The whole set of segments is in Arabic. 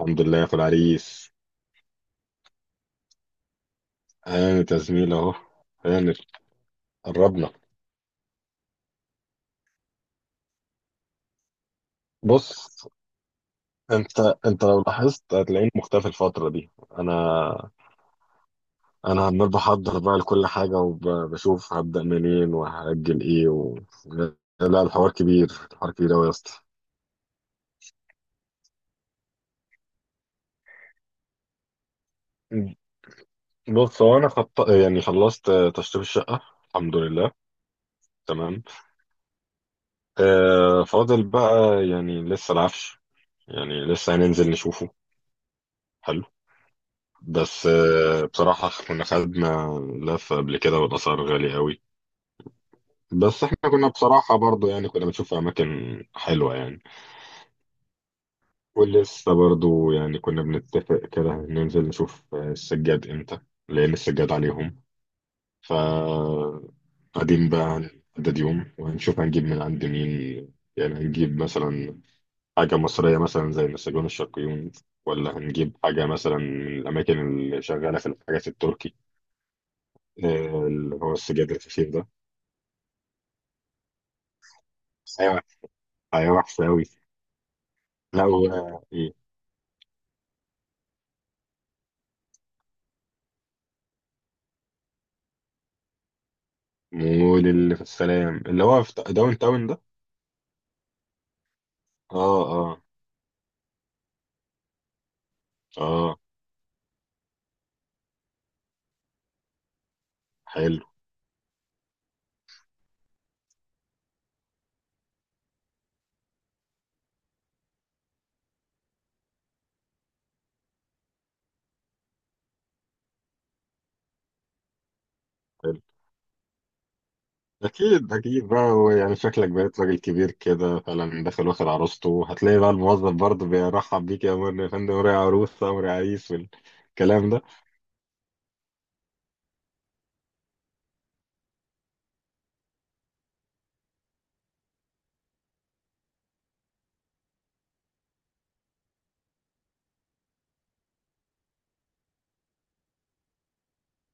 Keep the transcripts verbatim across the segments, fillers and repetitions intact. الحمد لله يا اخو العريس. انا زميل اهو. انا قربنا. بص، انت انت لو لاحظت هتلاقيني مختفي الفتره دي. انا انا عمال بحضر بقى لكل حاجه وبشوف هبدا منين وهاجل ايه و... لا الحوار كبير، الحوار كبير قوي يا اسطى. بص، هو انا خط... يعني خلصت تشطيب الشقه، الحمد لله. تمام. آه، فاضل بقى، يعني لسه العفش، يعني لسه هننزل نشوفه. حلو. بس آه، بصراحة كنا خدنا لفة قبل كده والأسعار غالية قوي. بس احنا كنا بصراحة برضو يعني كنا بنشوف أماكن حلوة يعني. ولسه برضو يعني كنا بنتفق كده ننزل نشوف آه، السجاد امتى، لأن السجاد عليهم. ف قاعدين بقى هنحدد يوم وهنشوف هنجيب من عند مين. يعني هنجيب مثلا حاجة مصرية مثلا زي نسجون الشرقيون، ولا هنجيب حاجة مثلا من الأماكن اللي شغالة في الحاجات التركي، آه، اللي هو السجاد الخفيف ده. ايوه، ايوه وحش قوي. لا هو ايه، مول اللي في السلام اللي هو في داون تاون ده. اه. اه. اه حلو. حلو، اكيد اكيد. بقى هو يعني شكلك بقيت راجل كبير كده فعلا داخل واخد عروسته، هتلاقي بقى الموظف برضه بيرحب بيك، يا مرني يا فندم، وراي عروسه وراي عريس والكلام ده.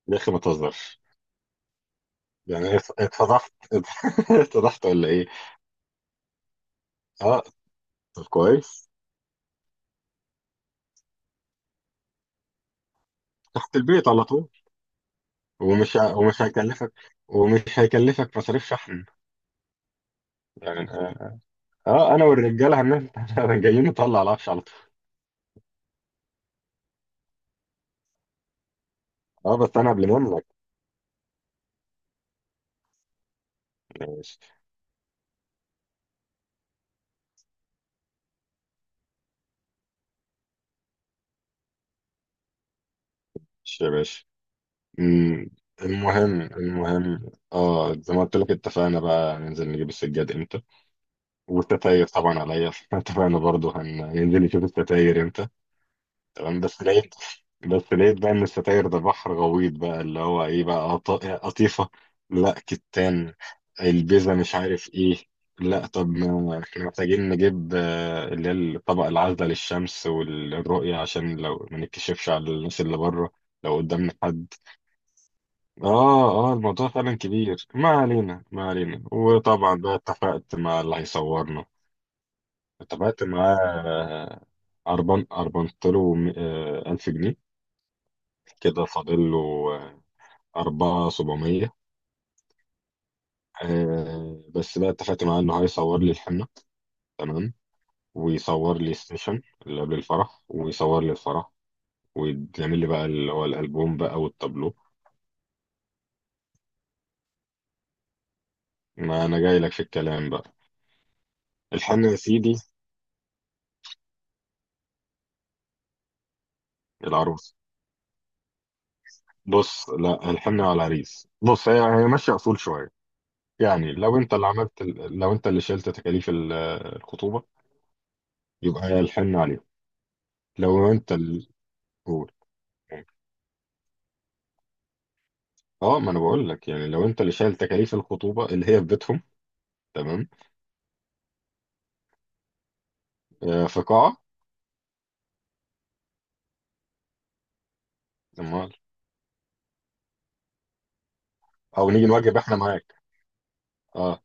يا اخي ما تهزرش، يعني اتفضحت، اتفضحت ولا ايه؟ اه. طب كويس. تحت البيت على طول. ومش ه- ومش هيكلفك، ومش هيكلفك مصاريف شحن. يعني اه. آه، انا والرجاله هننزل جايين نطلع العفش على طول. اه بس انا قبل منك. ماشي. ماشي يا باشا. أمم، المهم، المهم اه زي ما قلت لك، اتفقنا بقى ننزل نجيب السجاد امتى. والتتاير طبعا عليا اتفقنا برضو هننزل نشوف التتاير امتى. تمام. بس لقيت بس لقيت بقى ان ستاير ده بحر غويط بقى، اللي هو ايه بقى، قط- قطيفة. لا كتان. البيزا مش عارف ايه. لا طب ما احنا محتاجين نجيب آه، اللي هي الطبق العازلة للشمس والرؤية، عشان لو ما نتكشفش على الناس اللي بره، لو قدامنا حد. اه اه. الموضوع فعلا كبير. ما علينا، ما علينا. وطبعا بقى اتفقت مع اللي هيصورنا، اتفقت معاه آه، أربان أربنت له آه، ألف جنيه، كده فاضل له أربعة سبعمية. آه بس بقى اتفقت معاه إنه هيصور لي الحنة، تمام، ويصور لي السيشن اللي قبل الفرح، ويصور لي الفرح، ويعمل لي بقى اللي هو الألبوم بقى والتابلو. ما أنا جاي لك في الكلام بقى. الحنة يا سيدي. العروس. بص، لا الحنة على العريس. بص، هي هي ماشية أصول شوية. يعني لو أنت اللي عملت ال- لو أنت اللي شلت تكاليف ال- الخطوبة، يبقى هي الحنة عليه. لو أنت اللي، قول. اه ما انا بقول لك، يعني لو انت اللي شايل تكاليف الخطوبه اللي هي في بيتهم. تمام. آه في قاعه. امال او نيجي نوجب احنا معاك. اه.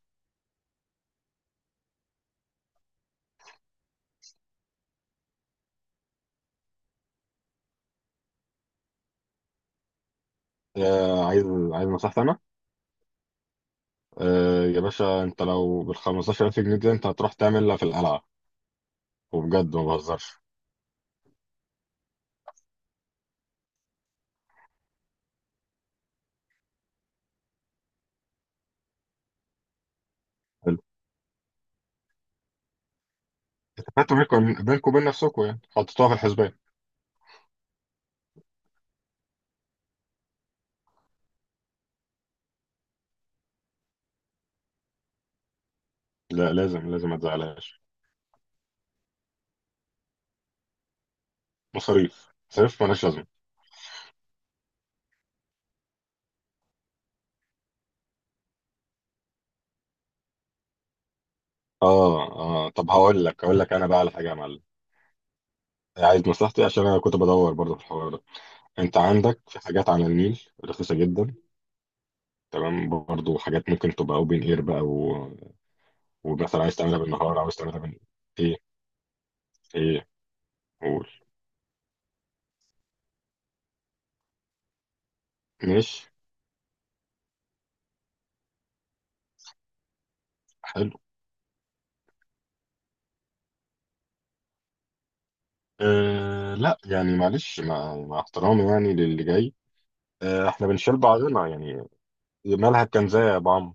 آه، عايز عايز نصيحتي انا. آه يا باشا، انت لو بال خمستاشر ألف جنيه دي انت هتروح تعملها في القلعه، وبجد ما بهزرش. اتفقتوا بينكم، بينكم وبين نفسكم، يعني حطيتوها في الحسبان. لا لازم، لازم ما تزعلهاش. مصاريف، مصاريف مالهاش لازمه. اه اه. طب هقول لك، هقول لك انا بقى على حاجه يا معلم. عايز نصيحتي، عشان انا كنت بدور برضه في الحوار ده. انت عندك في حاجات على النيل رخيصه جدا، تمام، برضو حاجات ممكن تبقى اوبن اير بقى و... ومثلا عايز تعملها بالنهار، عاوز تعملها بال، ايه، ايه، قول، ماشي، حلو. أه لا يعني معلش، مع, مع احترامي يعني للي جاي، أه احنا بنشيل بعضنا يعني. مالها الكنزة يا بعم.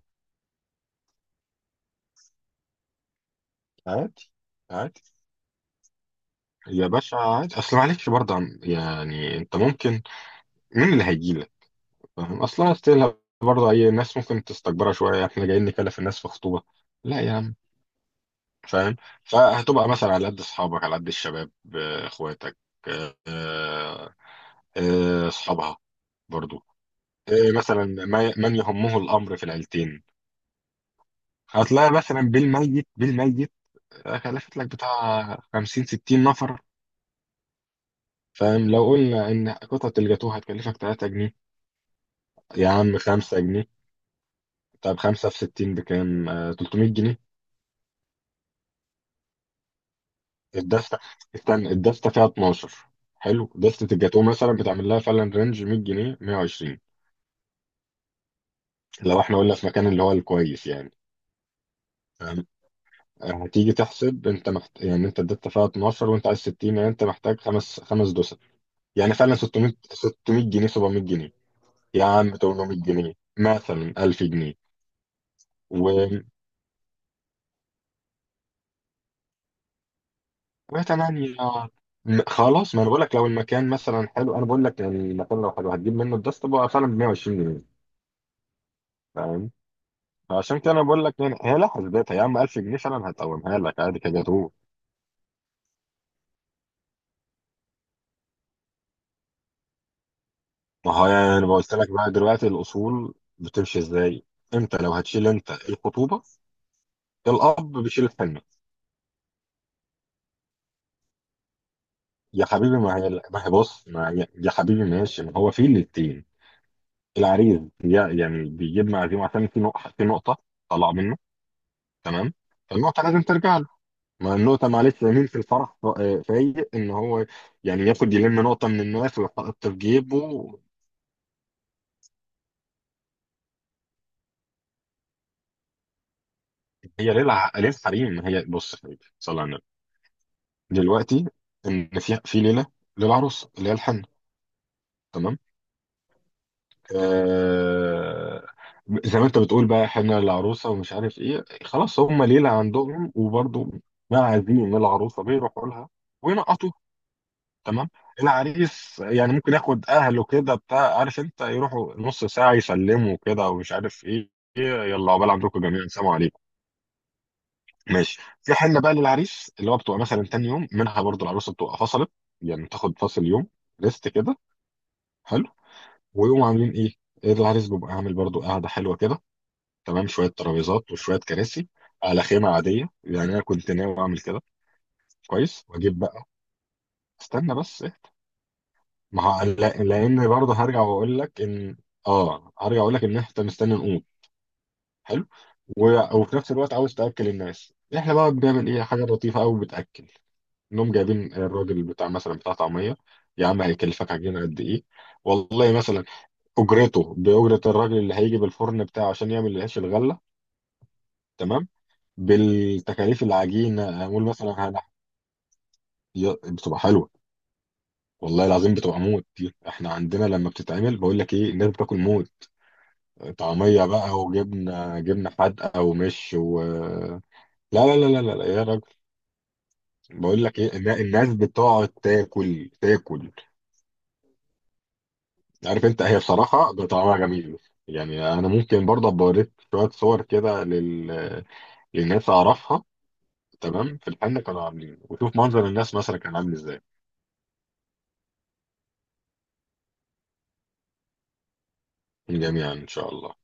عادي. عادي يا باشا عادي، اصل معلش برضه عم- يعني انت ممكن، مين اللي هيجي لك، فاهم اصلا استيل، برضه اي ناس ممكن تستكبرها شويه، احنا جايين نكلف الناس في خطوبه؟ لا يا عم، فاهم. فهتبقى مثلا على قد اصحابك، على قد الشباب، آه، اخواتك، آه، آه، اصحابها، برضو، آه، مثلا ما- من يهمه الامر في العيلتين. هتلاقي مثلا بالميت بالميت، آه، كلفت لك بتاع خمسين ستين نفر. فاهم، لو قلنا ان قطعة الجاتوه هتكلفك تلات جنيه، يا عم خمسة جنيه، طب خمسة في ستين بكام؟ آه، تلتمية جنيه. الدستة، استنى الدستة فيها اتناشر. حلو، دستة الجاتوه مثلا بتعمل لها فعلا رينج مية جنيه مائة وعشرين، لو احنا قلنا في مكان اللي هو الكويس يعني. فاهم؟ هتيجي تحسب انت محت... يعني انت اديت فيها اتناشر وانت عايز ستين، يعني انت محتاج خمس، خمس دوسر، يعني فعلا ستمئة، ستمية جنيه، سبعمية جنيه، يا عم ثمانمئة جنيه، مثلا ألف جنيه. و وتمانية. م- خلاص، ما انا بقول لك لو المكان مثلا حلو، انا بقول لك يعني المكان لو حلو هتجيب منه الدست بقى فعلا ب مائة وعشرين جنيه، فاهم، فعشان كده انا بقول لك، يعني هي لها حسبتها يا عم، ألف جنيه فعلا هتقومها لك عادي كده. ما هو يعني انا قلت لك بقى دلوقتي الاصول بتمشي ازاي. امتى لو هتشيل انت الخطوبه، الاب بيشيل الحمل. يا حبيبي ما هي، ما هي بص، ما هي يا حبيبي ماشي، ما هو في الاتنين، العريس بي- يعني بيجيب معزوم عشان في نقطه، في نقطه طلع منه، تمام، فالنقطه لازم ترجع له. ما النقطه معلش مين في الفرح ف- فايق ان هو يعني ياخد يلم نقطه من الناس ويحط في جيبه. هي ليه الع- ليه الحريم، ما هي بص يا حبيبي، صلى على النبي. دلوقتي ان في، في ليله للعروسه اللي هي الحنه، تمام، آه زي ما انت بتقول بقى، حنه للعروسه ومش عارف ايه، خلاص هم ليله عندهم، وبرضه ما عايزين ان العروسه بيروحوا لها وينقطوا، تمام. العريس يعني ممكن ياخد اهله كده بتاع، عارف انت، يروحوا نص ساعه يسلموا كده ومش عارف ايه. يلا عقبال عندكم جميعا، سلام عليكم. ماشي، في حنه بقى للعريس اللي هو بتبقى مثلا تاني يوم منها، برضه العروسه بتبقى فصلت، يعني بتاخد فاصل يوم، ريست كده. حلو، ويقوموا عاملين ايه؟ ايه، العريس بيبقى عامل برضو قاعده حلوه كده، تمام، شويه ترابيزات وشويه كراسي على خيمه عاديه، يعني انا كنت ناوي اعمل كده. كويس، واجيب بقى، استنى بس إيه؟ ما هو- لا- لان برضو هرجع واقول لك ان، اه هرجع اقول لك ان احنا مستني نقوم. حلو. و- وفي نفس الوقت عاوز تاكل الناس. احنا بقى بنعمل ايه، حاجه لطيفه قوي بتاكل، انهم جايبين الراجل بتاع مثلا، بتاع طعميه. يا عم هيكلفك عجينه قد ايه؟ والله مثلا اجرته باجره الراجل اللي هيجي بالفرن بتاعه عشان يعمل العيش الغله، تمام، بالتكاليف العجينه، اقول مثلا هنح... ي- بتبقى حلوه. والله العظيم بتبقى موت دي، احنا عندنا لما بتتعمل بقول لك ايه، الناس بتاكل موت. طعميه بقى وجبنه، جبنه حادقه ومش، و لا لا لا لا لا لا يا راجل. بقول لك ايه النا- الناس بتقعد تاكل تاكل، عارف انت، هي بصراحه طعمها جميل. يعني انا ممكن برضه أبقى اوريك شويه صور كده لل... للناس اعرفها. تمام، في الحنه كانوا عاملين، وشوف منظر الناس مثلا كان عامل ازاي. جميعا ان شاء الله.